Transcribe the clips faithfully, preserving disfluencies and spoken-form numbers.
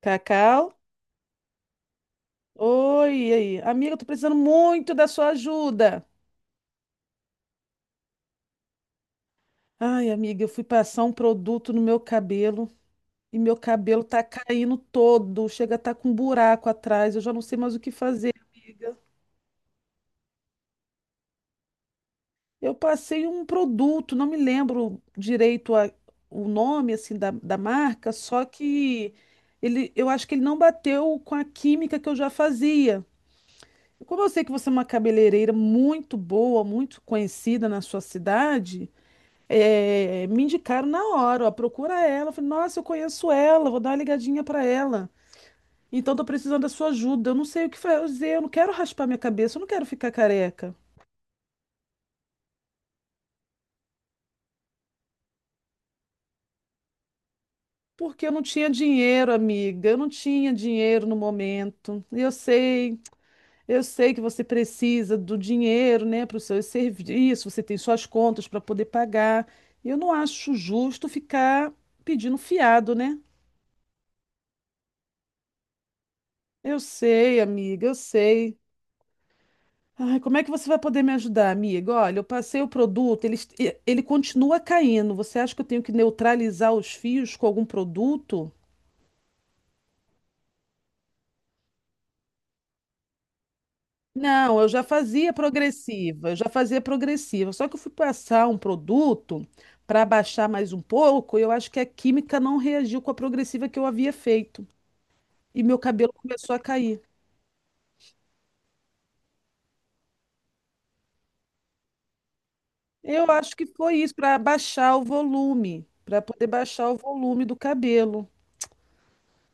Cacau? Oi, e aí? Amiga, eu tô precisando muito da sua ajuda. Ai, amiga, eu fui passar um produto no meu cabelo e meu cabelo tá caindo todo, chega a tá com um buraco atrás, eu já não sei mais o que fazer, amiga. Eu passei um produto, não me lembro direito a- o nome assim da, da marca, só que ele, eu acho que ele não bateu com a química que eu já fazia. Como eu sei que você é uma cabeleireira muito boa, muito conhecida na sua cidade, é, me indicaram na hora, ó, procura ela. Eu falei, nossa, eu conheço ela, vou dar uma ligadinha pra ela. Então tô precisando da sua ajuda. Eu não sei o que fazer, eu não quero raspar minha cabeça, eu não quero ficar careca. Porque eu não tinha dinheiro, amiga. Eu não tinha dinheiro no momento. Eu sei, eu sei que você precisa do dinheiro, né, para os seus serviços, você tem suas contas para poder pagar. Eu não acho justo ficar pedindo fiado, né? Eu sei, amiga, eu sei. Ai, como é que você vai poder me ajudar, amiga? Olha, eu passei o produto, ele, est- e- ele continua caindo. Você acha que eu tenho que neutralizar os fios com algum produto? Não, eu já fazia progressiva, eu já fazia progressiva. Só que eu fui passar um produto para baixar mais um pouco, e eu acho que a química não reagiu com a progressiva que eu havia feito. E meu cabelo começou a cair. Eu acho que foi isso, para baixar o volume, para poder baixar o volume do cabelo.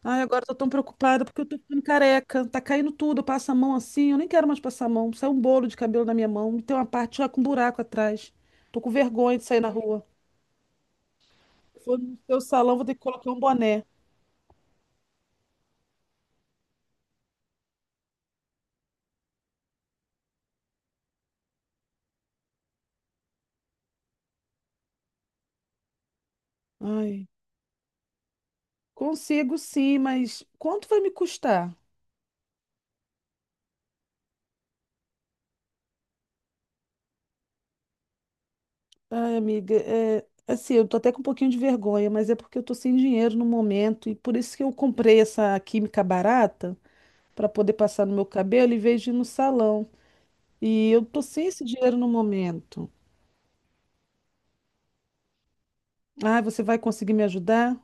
Ai, agora eu tô tão preocupada porque eu tô ficando careca. Tá caindo tudo, eu passo a mão assim. Eu nem quero mais passar a mão. Sai um bolo de cabelo na minha mão. e Tem uma parte já com um buraco atrás. Tô com vergonha de sair na rua. Vou no seu salão, vou ter que colocar um boné. Ai, consigo sim, mas quanto vai me custar? Ai, amiga, é... assim, eu tô até com um pouquinho de vergonha, mas é porque eu tô sem dinheiro no momento e por isso que eu comprei essa química barata pra poder passar no meu cabelo em vez de ir no salão. E eu tô sem esse dinheiro no momento. Ah, você vai conseguir me ajudar?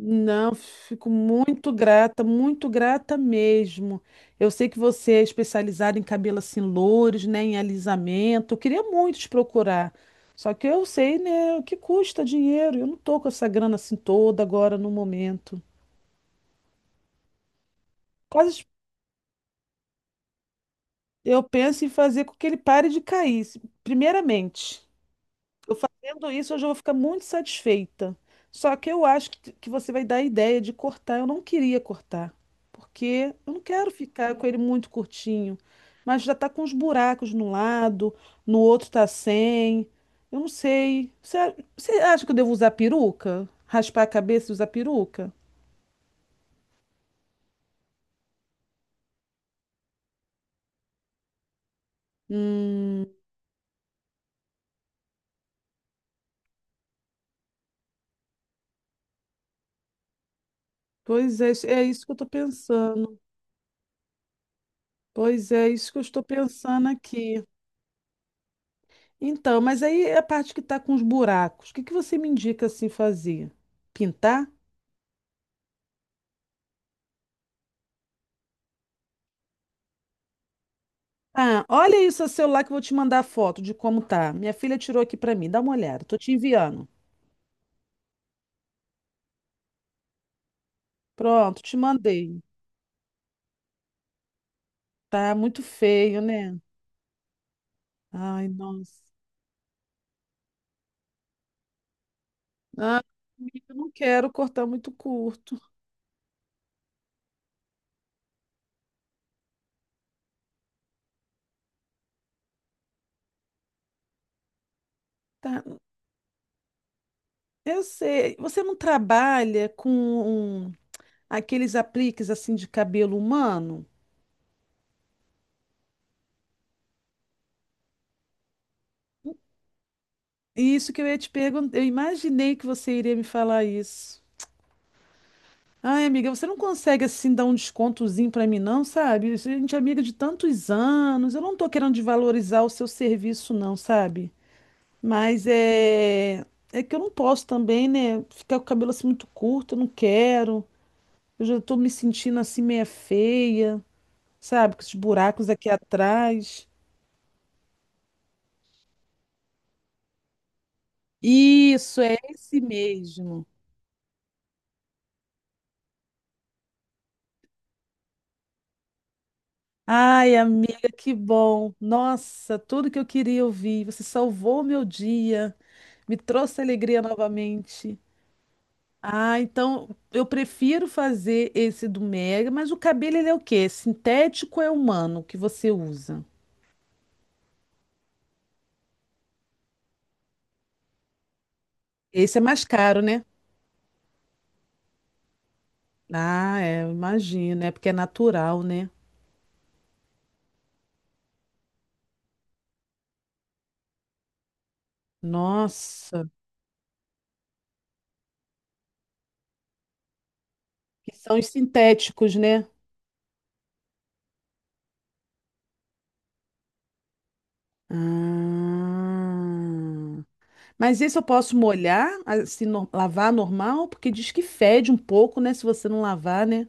Não, fico muito grata, muito grata mesmo. Eu sei que você é especializada em cabelo assim, louros, né, em alisamento. Eu queria muito te procurar. Só que eu sei, né, o que custa dinheiro. Eu não tô com essa grana assim toda agora no momento. Quase eu penso em fazer com que ele pare de cair, se- primeiramente. Eu fazendo isso, eu já vou ficar muito satisfeita. Só que eu acho que, que você vai dar a ideia de cortar. Eu não queria cortar, porque eu não quero ficar com ele muito curtinho. Mas já tá com uns buracos no lado, no outro tá sem. Eu não sei. Você, a- você acha que eu devo usar peruca? Raspar a cabeça e usar peruca? Hum, pois é, é isso que eu tô pensando. Pois é, é isso que eu estou pensando aqui. Então, mas aí é a parte que está com os buracos, o que que você me indica assim fazer? Pintar? Ah, olha aí o seu celular que eu vou te mandar a foto de como tá. Minha filha tirou aqui para mim, dá uma olhada, tô te enviando. Pronto, te mandei. Tá muito feio, né? Ai, nossa. Ah, amiga, eu não quero cortar muito curto. Tá, eu sei. Você não trabalha com um- aqueles apliques assim de cabelo humano? Isso que eu ia te perguntar. Eu imaginei que você iria me falar isso. Ai, amiga, você não consegue assim dar um descontozinho pra mim, não, sabe? A gente é amiga de tantos anos. Eu não tô querendo desvalorizar o seu serviço, não, sabe? Mas é é que eu não posso também, né? Ficar com o cabelo assim muito curto, eu não quero. Eu já tô me sentindo assim meia feia, sabe? Com esses buracos aqui atrás. Isso, é esse mesmo. Ai, amiga, que bom. Nossa, tudo que eu queria ouvir. Você salvou o meu dia. Me trouxe alegria novamente. Ah, então eu prefiro fazer esse do Mega, mas o cabelo ele é o quê? Sintético ou é humano que você usa? Esse é mais caro, né? Ah, é, eu imagino, é porque é natural, né? Nossa, que são os sintéticos, né? Ah, mas esse eu posso molhar, assim, no- lavar normal, porque diz que fede um pouco, né? Se você não lavar, né?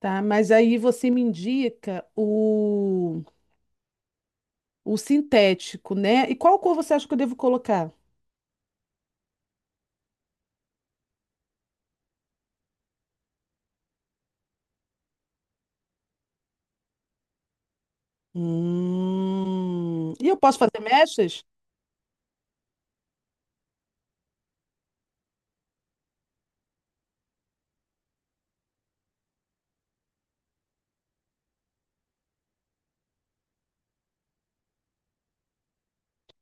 Tá, mas aí você me indica o o sintético, né? E qual cor você acha que eu devo colocar? Hum... E eu posso fazer mechas?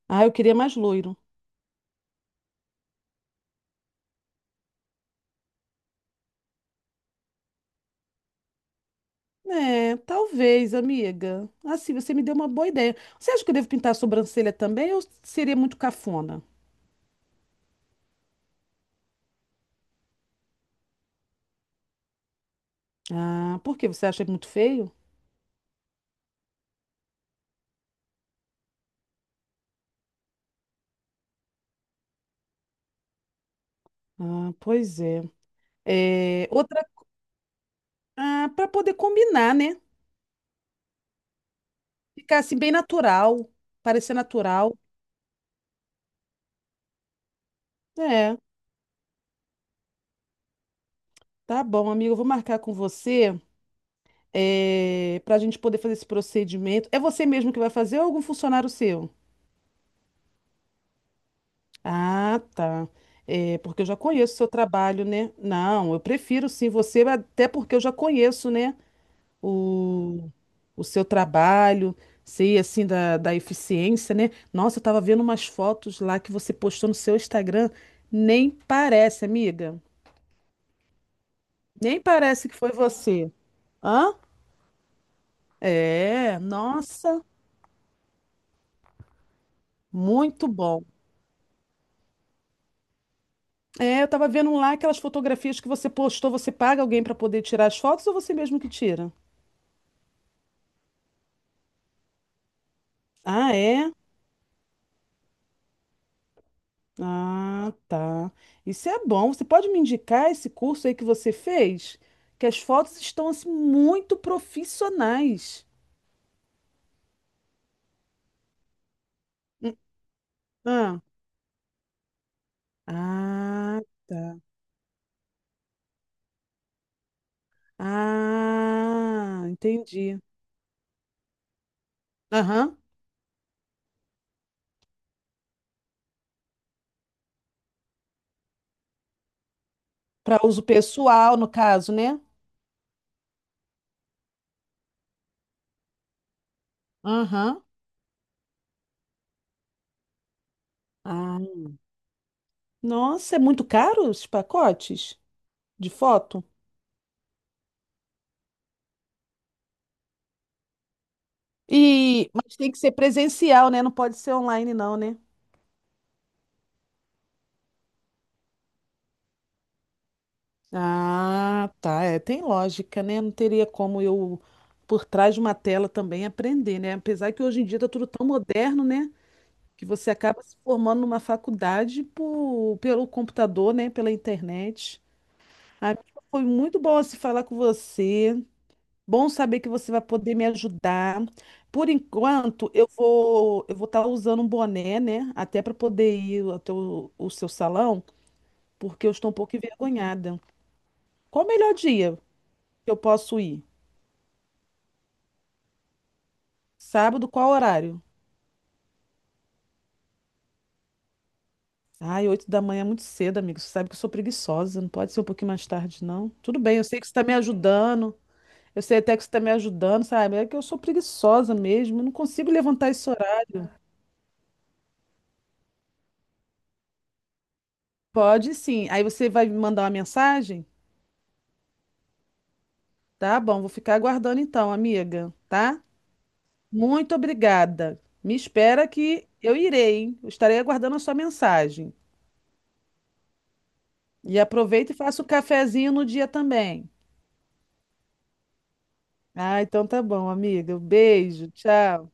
Ah, eu queria mais loiro. É, talvez, amiga. Assim, você me deu uma boa ideia. Você acha que eu devo pintar a sobrancelha também ou seria muito cafona? Ah, por quê? Você acha muito feio? Ah, pois é. É, outra, ah, para poder combinar, né? Ficar assim bem natural, parecer natural. É, tá bom, amiga. Eu vou marcar com você para a gente poder fazer esse procedimento. É você mesmo que vai fazer ou é algum funcionário seu? Ah, tá. É, porque eu já conheço o seu trabalho, né? Não, eu prefiro sim você, até porque eu já conheço, né? O, o seu trabalho, sei assim da, da eficiência, né? Nossa, eu tava vendo umas fotos lá que você postou no seu Instagram. Nem parece, amiga. Nem parece que foi você. Hã? É, nossa, muito bom. É, eu tava vendo lá aquelas fotografias que você postou, você paga alguém para poder tirar as fotos ou você mesmo que tira? Ah, é? Ah, tá. Isso é bom. Você pode me indicar esse curso aí que você fez? Que as fotos estão assim muito profissionais. Hum. Ah, ah, tá. Ah, entendi. Aham. Para uso pessoal, no caso, né? Aham. Ah, nossa, é muito caro esses pacotes de foto? E, mas tem que ser presencial, né? Não pode ser online, não, né? Ah, tá. É, tem lógica, né? Não teria como eu, por trás de uma tela também, aprender, né? Apesar que hoje em dia tá tudo tão moderno, né? Que você acaba se formando numa faculdade por, pelo computador, né? Pela internet. Amiga, foi muito bom se falar com você. Bom saber que você vai poder me ajudar. Por enquanto, eu vou eu vou estar usando um boné, né? Até para poder ir até o, o seu salão, porque eu estou um pouco envergonhada. Qual o melhor dia que eu posso ir? Sábado, qual horário? Ai, oito da manhã é muito cedo, amigo. Você sabe que eu sou preguiçosa, não pode ser um pouquinho mais tarde, não. Tudo bem, eu sei que você está me ajudando. Eu sei até que você está me ajudando, sabe? É que eu sou preguiçosa mesmo, eu não consigo levantar esse horário. Pode sim. Aí você vai me mandar uma mensagem? Tá bom, vou ficar aguardando então, amiga, tá? Muito obrigada. Me espera que eu irei, hein? Eu estarei aguardando a sua mensagem. E aproveita e faça o cafezinho no dia também. Ah, então tá bom, amiga. Um beijo, tchau.